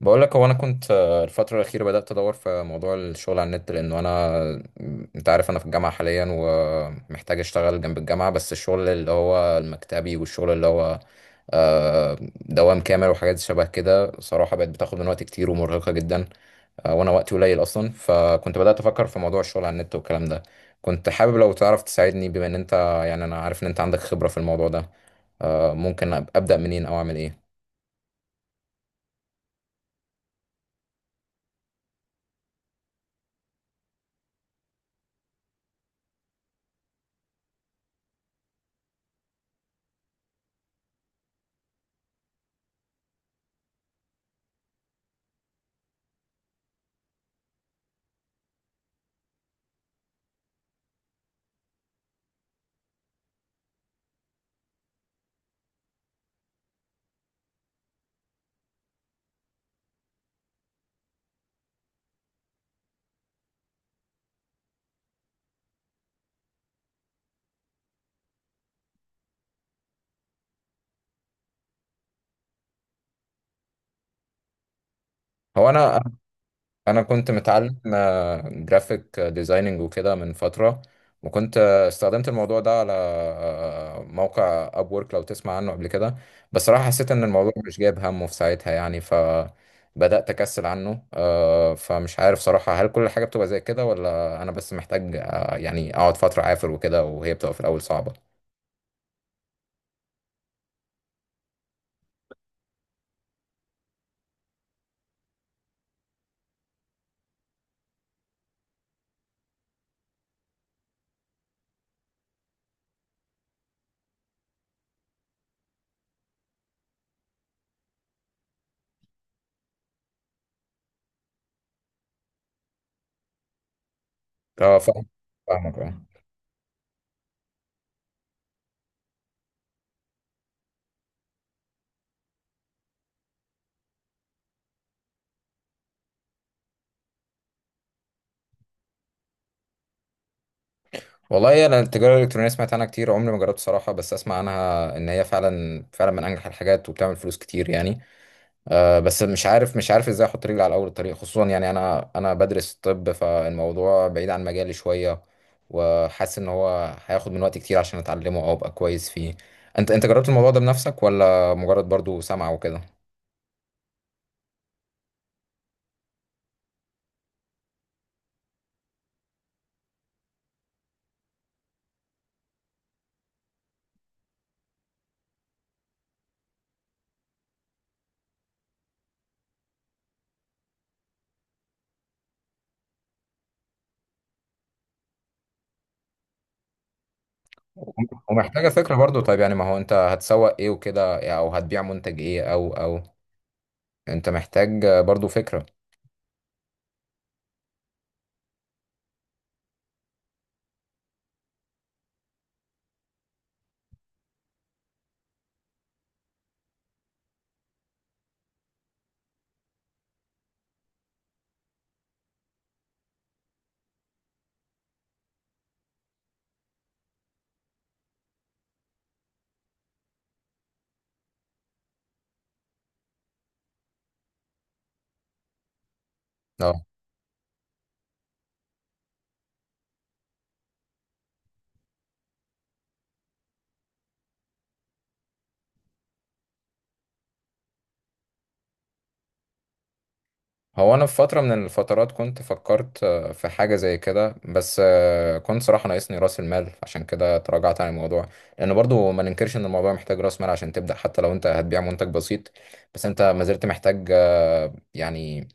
بقول لك هو انا كنت الفتره الاخيره بدات ادور في موضوع الشغل على النت لانه انا انت عارف انا في الجامعه حاليا ومحتاج اشتغل جنب الجامعه بس الشغل اللي هو المكتبي والشغل اللي هو دوام كامل وحاجات شبه كده صراحه بقت بتاخد من وقت كتير ومرهقه جدا. وانا وقتي قليل اصلا فكنت بدات افكر في موضوع الشغل على النت والكلام ده، كنت حابب لو تعرف تساعدني بما ان انت، يعني انا عارف ان انت عندك خبره في الموضوع ده. ممكن ابدا منين او اعمل ايه؟ هو انا كنت متعلم جرافيك ديزايننج وكده من فتره، وكنت استخدمت الموضوع ده على موقع ابورك لو تسمع عنه قبل كده. بس صراحه حسيت ان الموضوع مش جايب همه في ساعتها يعني، فبدات اكسل عنه. فمش عارف صراحه هل كل حاجه بتبقى زي كده ولا انا بس محتاج، يعني اقعد فتره عافر وكده وهي بتبقى في الاول صعبه. اه فاهم. فاهمك اه. والله انا التجاره الالكترونيه سمعت عنها كتير، عمري ما جربت صراحه، بس اسمع عنها ان هي فعلا فعلا من انجح الحاجات وبتعمل فلوس كتير يعني. بس مش عارف، مش عارف ازاي احط رجلي على اول الطريق، خصوصا يعني انا بدرس الطب فالموضوع بعيد عن مجالي شويه، وحاسس ان هو هياخد من وقت كتير عشان اتعلمه او ابقى كويس فيه. انت جربت الموضوع ده بنفسك ولا مجرد برضو سمع وكده؟ ومحتاجه فكره برضو، طيب يعني ما هو انت هتسوق ايه وكده، او هتبيع منتج ايه او او انت محتاج برضو فكره. هو انا في فتره من الفترات كنت فكرت في حاجه زي كده، بس كنت صراحه ناقصني راس المال عشان كده تراجعت عن الموضوع، لان برضو ما ننكرش ان الموضوع محتاج راس مال عشان تبدا، حتى لو انت هتبيع منتج بسيط بس انت ما زلت محتاج، يعني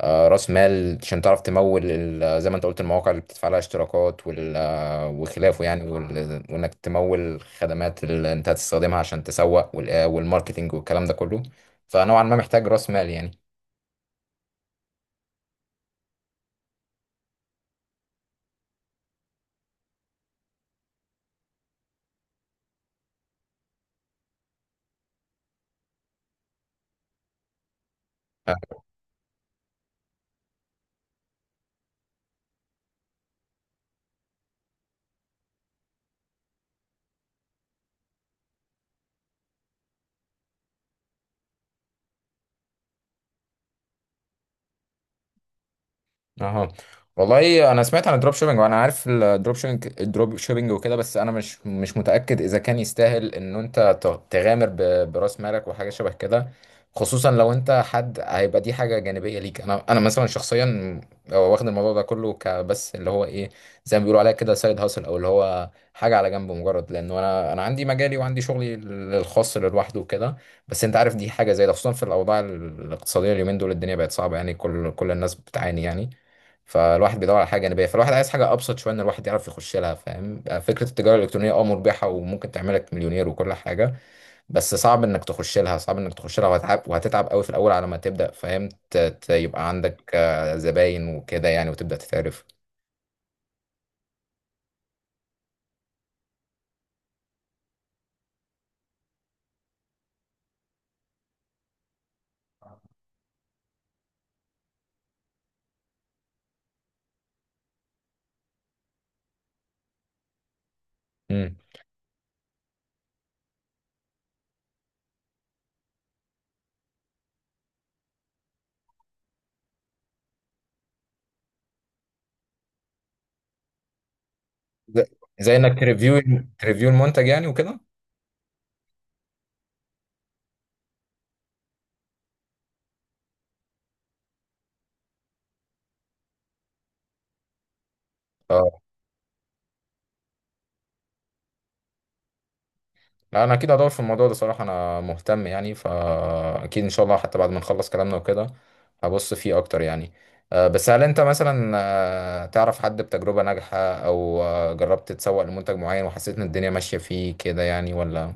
راس مال عشان تعرف تمول زي ما انت قلت المواقع اللي بتدفع لها اشتراكات وخلافه يعني، وانك تمول خدمات اللي انت هتستخدمها عشان تسوق والماركتينج والكلام ده كله، فنوعا ما محتاج راس مال يعني. اها. والله انا سمعت عن الدروب شيبنج وانا عارف الدروب شيبنج الدروب شيبنج وكده، بس انا مش متاكد اذا كان يستاهل ان انت تغامر براس مالك وحاجه شبه كده، خصوصا لو انت حد هيبقى دي حاجه جانبيه ليك. انا مثلا شخصيا واخد الموضوع ده كله كبس، اللي هو ايه، زي ما بيقولوا عليها كده سايد هاسل، او اللي هو حاجه على جنب، مجرد لانه انا عندي مجالي وعندي شغلي الخاص اللي لوحده وكده. بس انت عارف دي حاجه زي ده، خصوصا في الاوضاع الاقتصاديه اليومين دول الدنيا بقت صعبه يعني، كل الناس بتعاني يعني، فالواحد بيدور على حاجه جانبيه، فالواحد عايز حاجه ابسط شويه ان الواحد يعرف يخش لها. فاهم؟ فكره التجاره الالكترونيه اه مربحه وممكن تعملك مليونير وكل حاجه، بس صعب انك تخش لها، صعب انك تخش لها، وهتعب وهتتعب قوي في الاول على ما تبدا فاهم يبقى عندك زباين وكده يعني، وتبدا تتعرف. امم. زي زي انك تريفيو، تريفيو المنتج يعني وكده. اه لا انا اكيد هدور في الموضوع ده صراحه، انا مهتم يعني، فاكيد ان شاء الله حتى بعد ما نخلص كلامنا وكده هبص فيه اكتر يعني. بس هل انت مثلا تعرف حد بتجربه ناجحه، او جربت تسوق لمنتج معين وحسيت ان الدنيا ماشيه فيه كده يعني ولا؟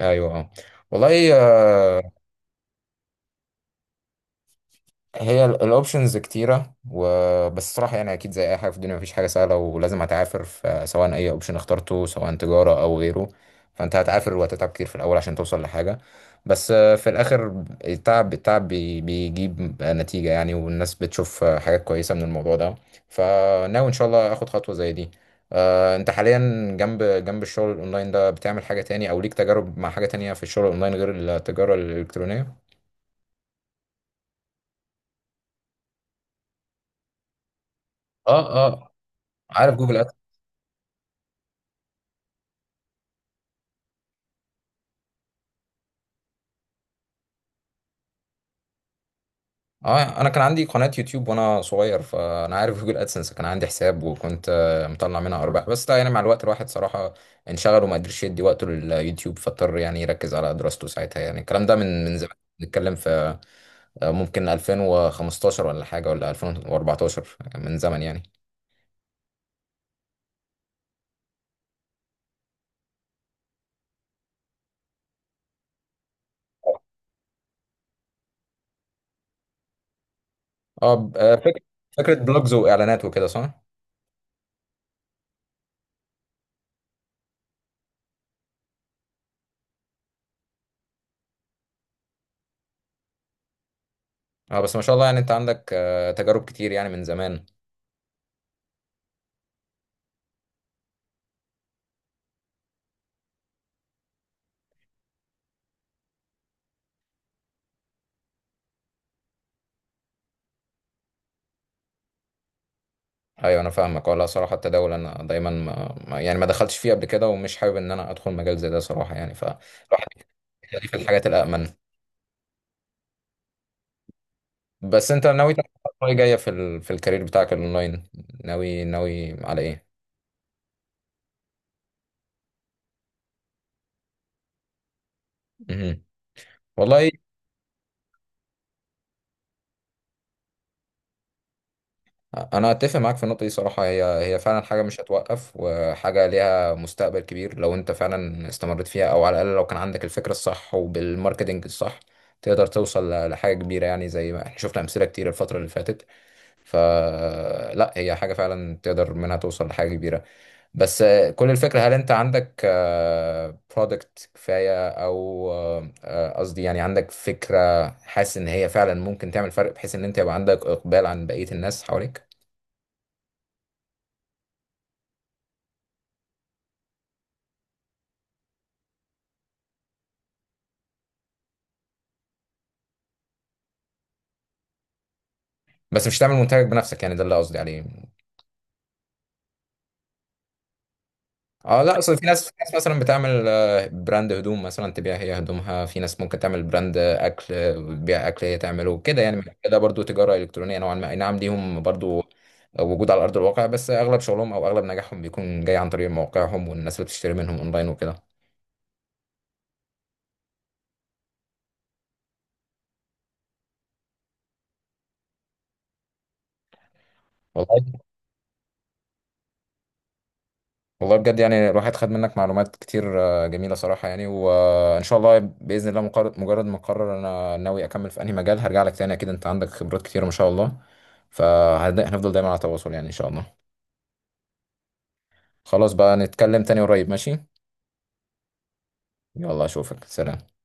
ايوه اه. والله. هي الاوبشنز كتيره، وبس صراحه يعني اكيد زي اي حاجه في الدنيا مفيش حاجه سهله ولازم هتعافر، فسواء اي اوبشن اخترته سواء تجاره او غيره، فانت هتعافر وهتتعب كتير في الاول عشان توصل لحاجه، بس في الاخر التعب، بيجيب نتيجه يعني، والناس بتشوف حاجات كويسه من الموضوع ده، فناوي ان شاء الله اخد خطوه زي دي. انت حاليا جنب الشغل الاونلاين ده بتعمل حاجه تاني، او ليك تجارب مع حاجه تانية في الشغل الاونلاين غير التجاره الالكترونيه؟ اه. اه عارف جوجل. اه انا كان عندي قناة يوتيوب وانا صغير، فانا عارف جوجل ادسنس، كان عندي حساب وكنت مطلع منها ارباح، بس ده يعني مع الوقت الواحد صراحة انشغل وما قدرش يدي وقته لليوتيوب، فاضطر يعني يركز على دراسته ساعتها يعني، الكلام ده من زمان. نتكلم في ممكن 2015 ولا حاجة، ولا 2014، من زمن يعني. اه فكرة، فكرة بلوجز واعلانات وكده، صح؟ اه بس ما شاء الله يعني انت عندك تجارب كتير يعني من زمان. ايوه انا فاهمك. ولا صراحه التداول انا دايما يعني ما دخلتش فيه قبل كده، ومش حابب ان انا ادخل مجال زي ده صراحه يعني، فالواحد بيخليه في الحاجات الامن. بس انت ناوي تعمل خطوة إيه جايه في ال... في الكارير بتاعك الاونلاين؟ ناوي على ايه؟ مهم. والله انا اتفق معاك في النقطه دي صراحه، هي فعلا حاجه مش هتوقف وحاجه ليها مستقبل كبير، لو انت فعلا استمريت فيها او على الاقل لو كان عندك الفكره الصح وبالماركتنج الصح تقدر توصل لحاجه كبيره يعني، زي ما احنا شفنا امثله كتير الفتره اللي فاتت، فلا هي حاجه فعلا تقدر منها توصل لحاجه كبيره. بس كل الفكره هل انت عندك برودكت كفايه، او قصدي يعني عندك فكره حاسس ان هي فعلا ممكن تعمل فرق بحيث ان انت يبقى عندك اقبال عن بقيه الناس حواليك؟ بس مش تعمل منتجك بنفسك يعني، ده اللي قصدي عليه. اه لا اصل في ناس، مثلا بتعمل براند هدوم مثلا تبيع هي هدومها، في ناس ممكن تعمل براند اكل بتبيع اكل هي تعمله كده يعني. ده برضو تجارة الكترونية نوعا ما، اي نعم ليهم برضو وجود على ارض الواقع، بس اغلب شغلهم او اغلب نجاحهم بيكون جاي عن طريق مواقعهم والناس اللي بتشتري منهم اونلاين وكده. والله. والله بجد يعني الواحد خد منك معلومات كتير جميلة صراحة يعني، وإن شاء الله بإذن الله مقرر، مجرد ما أقرر أنا ناوي أكمل في أنهي مجال هرجع لك تاني أكيد، أنت عندك خبرات كتير ما شاء الله، فهنفضل دايما على تواصل يعني إن شاء الله. خلاص بقى نتكلم تاني قريب ماشي. يلا أشوفك، سلام.